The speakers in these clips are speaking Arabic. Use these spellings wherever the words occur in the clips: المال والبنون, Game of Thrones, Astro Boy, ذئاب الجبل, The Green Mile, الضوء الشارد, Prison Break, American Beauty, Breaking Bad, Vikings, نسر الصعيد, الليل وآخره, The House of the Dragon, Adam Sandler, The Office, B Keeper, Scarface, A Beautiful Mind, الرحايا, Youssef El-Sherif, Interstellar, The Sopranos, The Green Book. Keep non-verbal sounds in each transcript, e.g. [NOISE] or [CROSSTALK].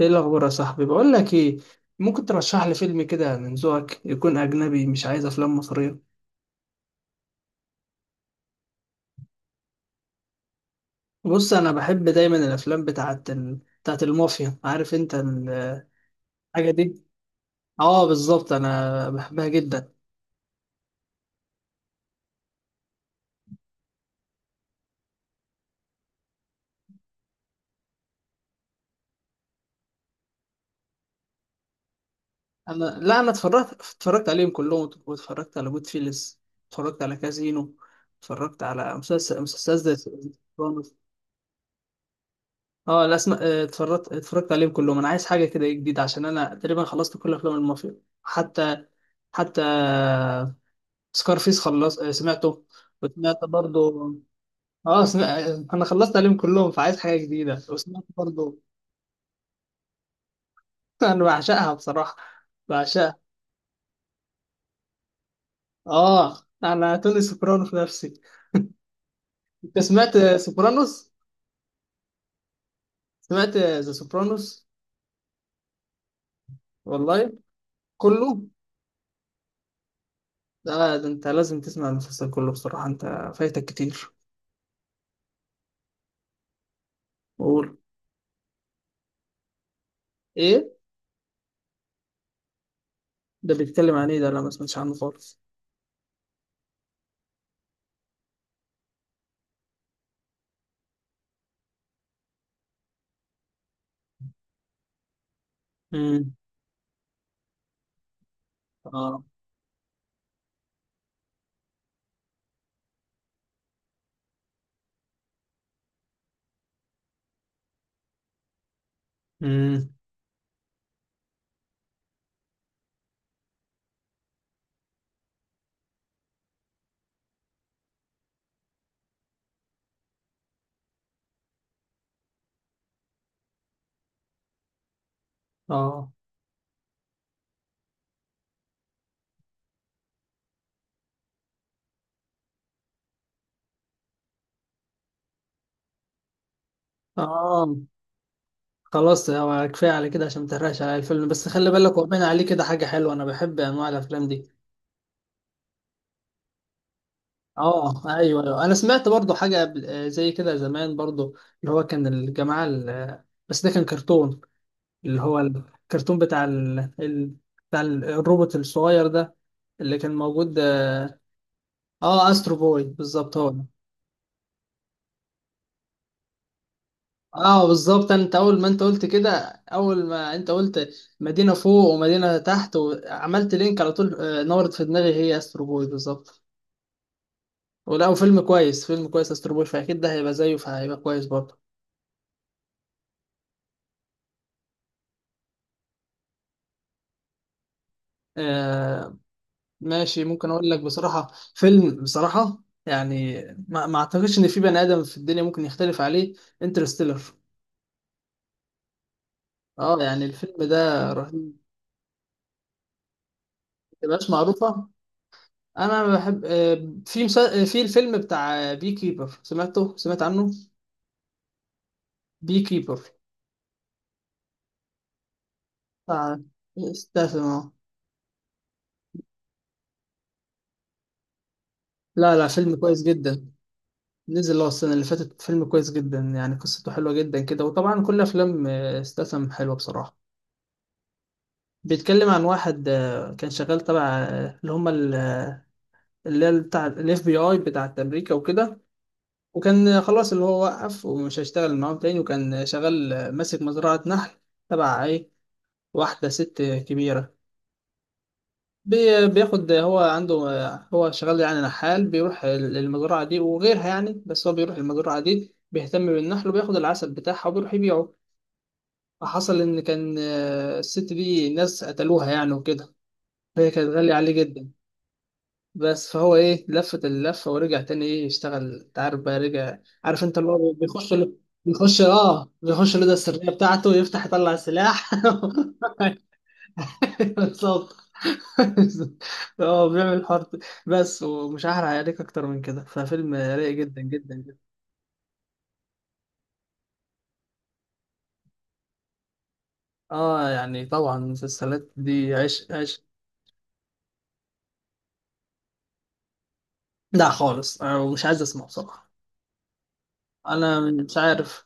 ايه الاخبار يا صاحبي؟ بقول لك ايه، ممكن ترشح لي فيلم كده من ذوقك، يكون اجنبي، مش عايز افلام مصريه. بص، انا بحب دايما الافلام بتاعت المافيا، عارف انت؟ الحاجه دي. اه بالظبط، انا بحبها جدا. انا لا انا اتفرجت اتفرجت عليهم كلهم، واتفرجت على جود فيلز، اتفرجت على كازينو، اتفرجت على مسلسل زي سوبرانوس. اه لا اسمع، اتفرجت عليهم كلهم. انا عايز حاجه كده جديده، عشان انا تقريبا خلصت كل افلام المافيا. حتى حتى سكارفيس خلص، سمعته، وسمعت برضو. اه سمع... انا خلصت عليهم كلهم، فعايز حاجه جديده، وسمعت برضو. [LAUGHS] انا بعشقها بصراحه، بعشقها. اه، انا توني سوبرانو في نفسي. انت سمعت سوبرانوس؟ سمعت ذا سوبرانوس؟ والله كله، ده انت لازم تسمع المسلسل كله بصراحه، انت فايتك كتير. قول، ايه ده؟ بيتكلم عن ايه ده؟ لا، ما سمعتش عنه خالص. امم. اه. امم. اه. اه خلاص، هو كفايه على كده، عشان ما تحرقش على الفيلم، بس خلي بالك، وبين عليه كده حاجه حلوه، انا بحب انواع الافلام دي. اه ايوه ايوه، انا سمعت برضو حاجه زي كده زمان برضو، اللي هو كان الجماعه ال- آه، بس ده كان كرتون، اللي هو الكرتون بتاع الروبوت الصغير ده اللي كان موجود. اه استرو بوي بالظبط، هو ده. اه بالظبط، انت اول ما انت قلت كده، اول ما انت قلت مدينه فوق ومدينه تحت، وعملت لينك على طول، نورت في دماغي، هي استرو بوي بالظبط. ولا، وفيلم كويس، فيلم كويس، استر بوي، فاكيد ده هيبقى زيه، فهيبقى كويس برضه. آه ماشي، ممكن اقول لك بصراحة فيلم، بصراحة يعني ما اعتقدش ان في بني ادم في الدنيا ممكن يختلف عليه: انترستيلر. اه يعني الفيلم ده رهيب. ما تبقاش معروفة؟ انا بحب، في مسا... آه، في الفيلم بتاع بي كيبر، سمعته؟ سمعت عنه؟ بي كيبر، بتاع استاذ. لا لا، فيلم كويس جدا. نزل اه السنة اللي فاتت، فيلم كويس جدا يعني، قصته حلوة جدا كده، وطبعا كل أفلام استسم حلوة بصراحة. بيتكلم عن واحد كان شغال تبع، اللي هي بتاع الاف بي اي بتاعت امريكا وكده، وكان خلاص اللي هو وقف ومش هيشتغل معاهم تاني، وكان شغال، ماسك مزرعة نحل تبع ايه، واحدة ست كبيرة. بياخد، هو عنده، هو شغال يعني نحال، بيروح المزرعة دي وغيرها يعني، بس هو بيروح المزرعة دي بيهتم بالنحل وبياخد العسل بتاعها، وبيروح يبيعه. فحصل إن كان الست دي ناس قتلوها يعني وكده، فهي كانت غالية عليه جدا. بس فهو إيه، لفت اللفة ورجع تاني إيه يشتغل، أنت عارف بقى، رجع. عارف أنت، اللي هو بيخش، بيخش الأوضة السرية بتاعته، يفتح يطلع سلاح. [LAUGHS] بالظبط، اه بيعمل الحوار ده. بس، ومش هحرق عليك اكتر من كده، ففيلم رايق جدا جدا جدا. اه يعني طبعا المسلسلات دي عشق عشق. لا خالص، انا مش عايز اسمع بصراحة. انا مش عارف.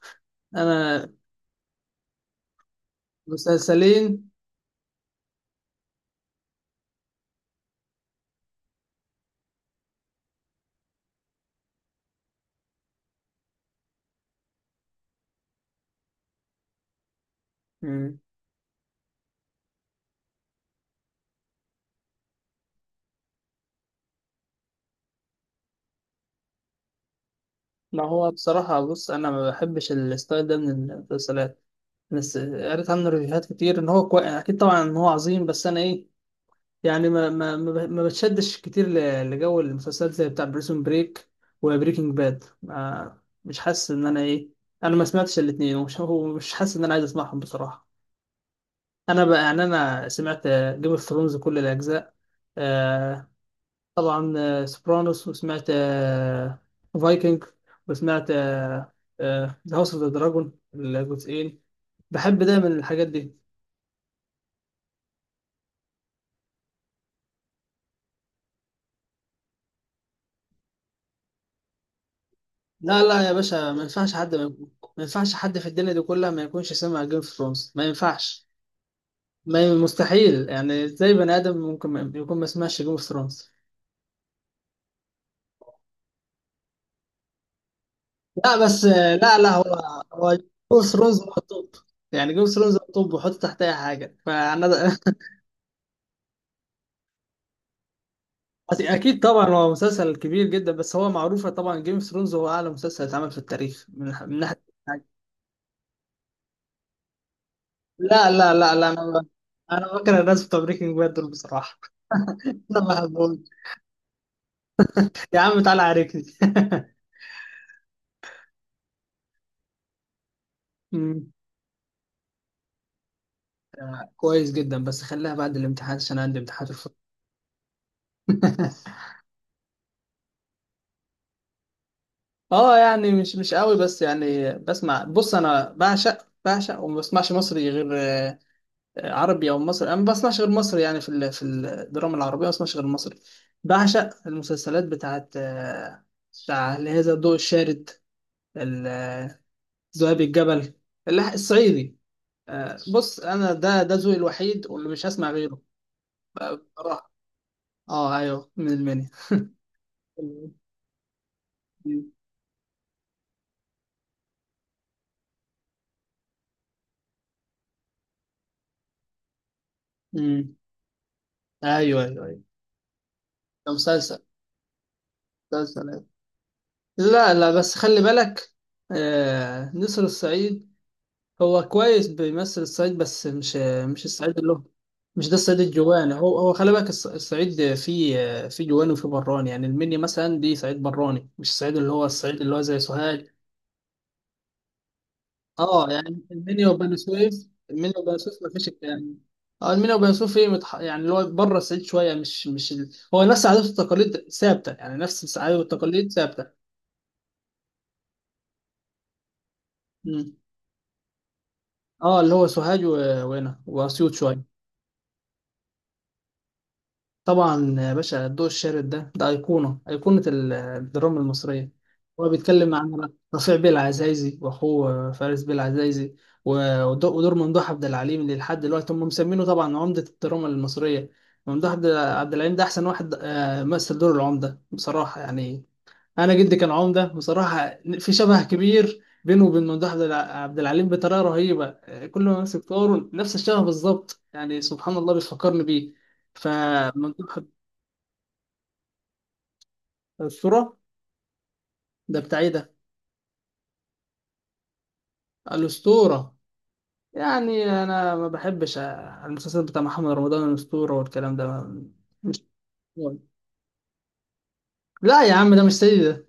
انا مسلسلين. مم. ما هو بصراحة بص، أنا ما بحبش الستايل ده من المسلسلات. بس قريت عنه ريفيوهات كتير، إن هو أكيد طبعا إن هو عظيم، بس أنا إيه، يعني ما بتشدش كتير لجو المسلسلات زي بتاع بريسون بريك وبريكنج باد، ما... مش حاسس إن أنا إيه. أنا ما سمعتش الاتنين، ومش [LAUGHS] هو مش حاسس إن أنا عايز أسمعهم بصراحة. أنا بقى يعني أنا سمعت جيم اوف ثرونز كل الأجزاء، آه، طبعا سوبرانوس، وسمعت فايكنج، وسمعت ذا هاوس اوف ذا دراجون الجزئين. بحب دايما الحاجات دي. لا لا يا باشا، ما ينفعش حد ما، ما ينفعش حد في الدنيا دي كلها ما يكونش سمع جيم اوف ثرونز، ما ينفعش. ما مستحيل يعني، ازاي بني ادم ممكن يكون ما سمعش جيم اوف ثرونز. لا بس، آه، لا لا هو هو جيم اوف ثرونز هو الطب، يعني جيم اوف ثرونز هو الطب، وحط تحت اي حاجه، فانا [LAUGHS] بس اكيد طبعا هو مسلسل كبير جدا، بس هو معروفه طبعا، جيم اوف ثرونز هو اعلى مسلسل اتعمل في التاريخ، من ناحيه. لا لا لا لا انا ب- انا بكره الناس بتوع بريكنج باد دول بصراحه. [LAUGHS] انا ما بحبهم، يا عم تعالى عاركني. [LAUGHS] أمم. كويس جدا، بس خليها بعد الامتحان، عشان عندي امتحان في الفضل. [LAUGHS] اه يعني مش مش قوي، بس يعني بسمع، بص انا بعشق بعشق، وما بسمعش مصري غير، عربي او مصري، انا ما بسمعش غير مصري، يعني في الدراما العربيه ما بسمعش غير مصري. بعشق المسلسلات بتاعت بتاع، اللي هي زي الضوء الشارد، ال- آه، ذئاب الجبل، الصعيدي، بص انا ده ده ذوقي الوحيد، واللي مش هسمع غيره. بصراحه اه ايوه، من المنيا. امم. ايوه ايوه ايوه، ده مسلسل، مسلسل أيوة. لا لا، بس خلي بالك، نسر الصعيد هو كويس بيمثل الصعيد، بس مش مش الصعيد اللي هو. مش ده الصعيد الجواني، هو هو خلي بالك، الصعيد فيه فيه جواني وفيه براني، يعني المنيا مثلا دي صعيد براني، مش الصعيد اللي هو، الصعيد اللي هو زي سوهاج. اه يعني المنيا وبني سويف، المنيا وبني سويف ما فيش الكلام. اه المنيا وبني سويف ايه، يعني اللي هو بره الصعيد شويه، مش مش ال... هو نفس العادات والتقاليد ثابته، يعني نفس العادات والتقاليد ثابته. مم. اه اللي هو سوهاج وهنا واسيوط شويه. طبعا يا باشا، الضوء الشارد ده ده أيقونة، أيقونة الدراما المصرية. هو بيتكلم عن رفيع بيه العزايزي، وأخوه فارس بيه العزايزي، ودور ممدوح عبد العليم، اللي لحد دلوقتي هم مسمينه طبعا عمدة الدراما المصرية. ممدوح عبد العليم ده أحسن واحد، مثل دور العمدة بصراحة يعني. أنا جدي كان عمدة بصراحة، في شبه كبير بينه وبين عبد العليم بطريقة رهيبة، كل ما أمسك دوره نفس الشبه بالظبط، يعني سبحان الله بيفكرني بيه. ف الصورة، ده بتاع ايه ده؟ الأسطورة، يعني أنا ما بحبش، المسلسل بتاع محمد رمضان الأسطورة والكلام ده، مش [LAUGHS] لا يا عم، ده مش سيد ده،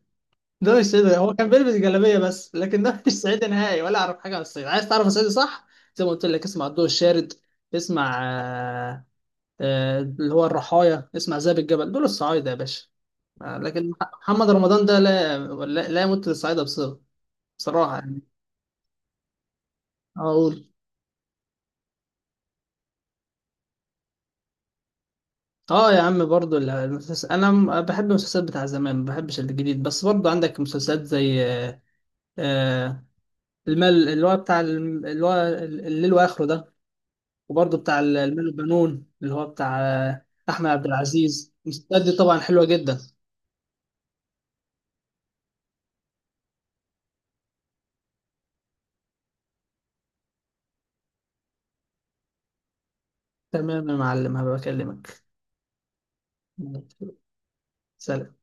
ده مش سيد ده، هو كان بيلبس جلابية بس، لكن ده مش صعيدي نهائي، ولا أعرف حاجة عن الصعيد. عايز تعرف الصعيدي صح؟ زي ما قلت لك، اسمع الضوء الشارد، اسمع اللي هو الرحايا، اسمع ذئب الجبل، دول الصعايدة يا باشا. لكن محمد رمضان ده لا، لا يمت للصعايدة بصلة، بصراحة يعني. أقول اه يا عم، برضو المسلسل، انا بحب المسلسلات بتاع زمان، ما بحبش الجديد، بس برضو عندك مسلسلات زي، آه، المال، اللي هو بتاع اللي هو الليل واخره ده، وبرضو بتاع المال والبنون، اللي هو بتاع احمد عبد العزيز، المسلسلات دي طبعا حلوة جدا. تمام يا معلم، هبقى بكلمك. سلام.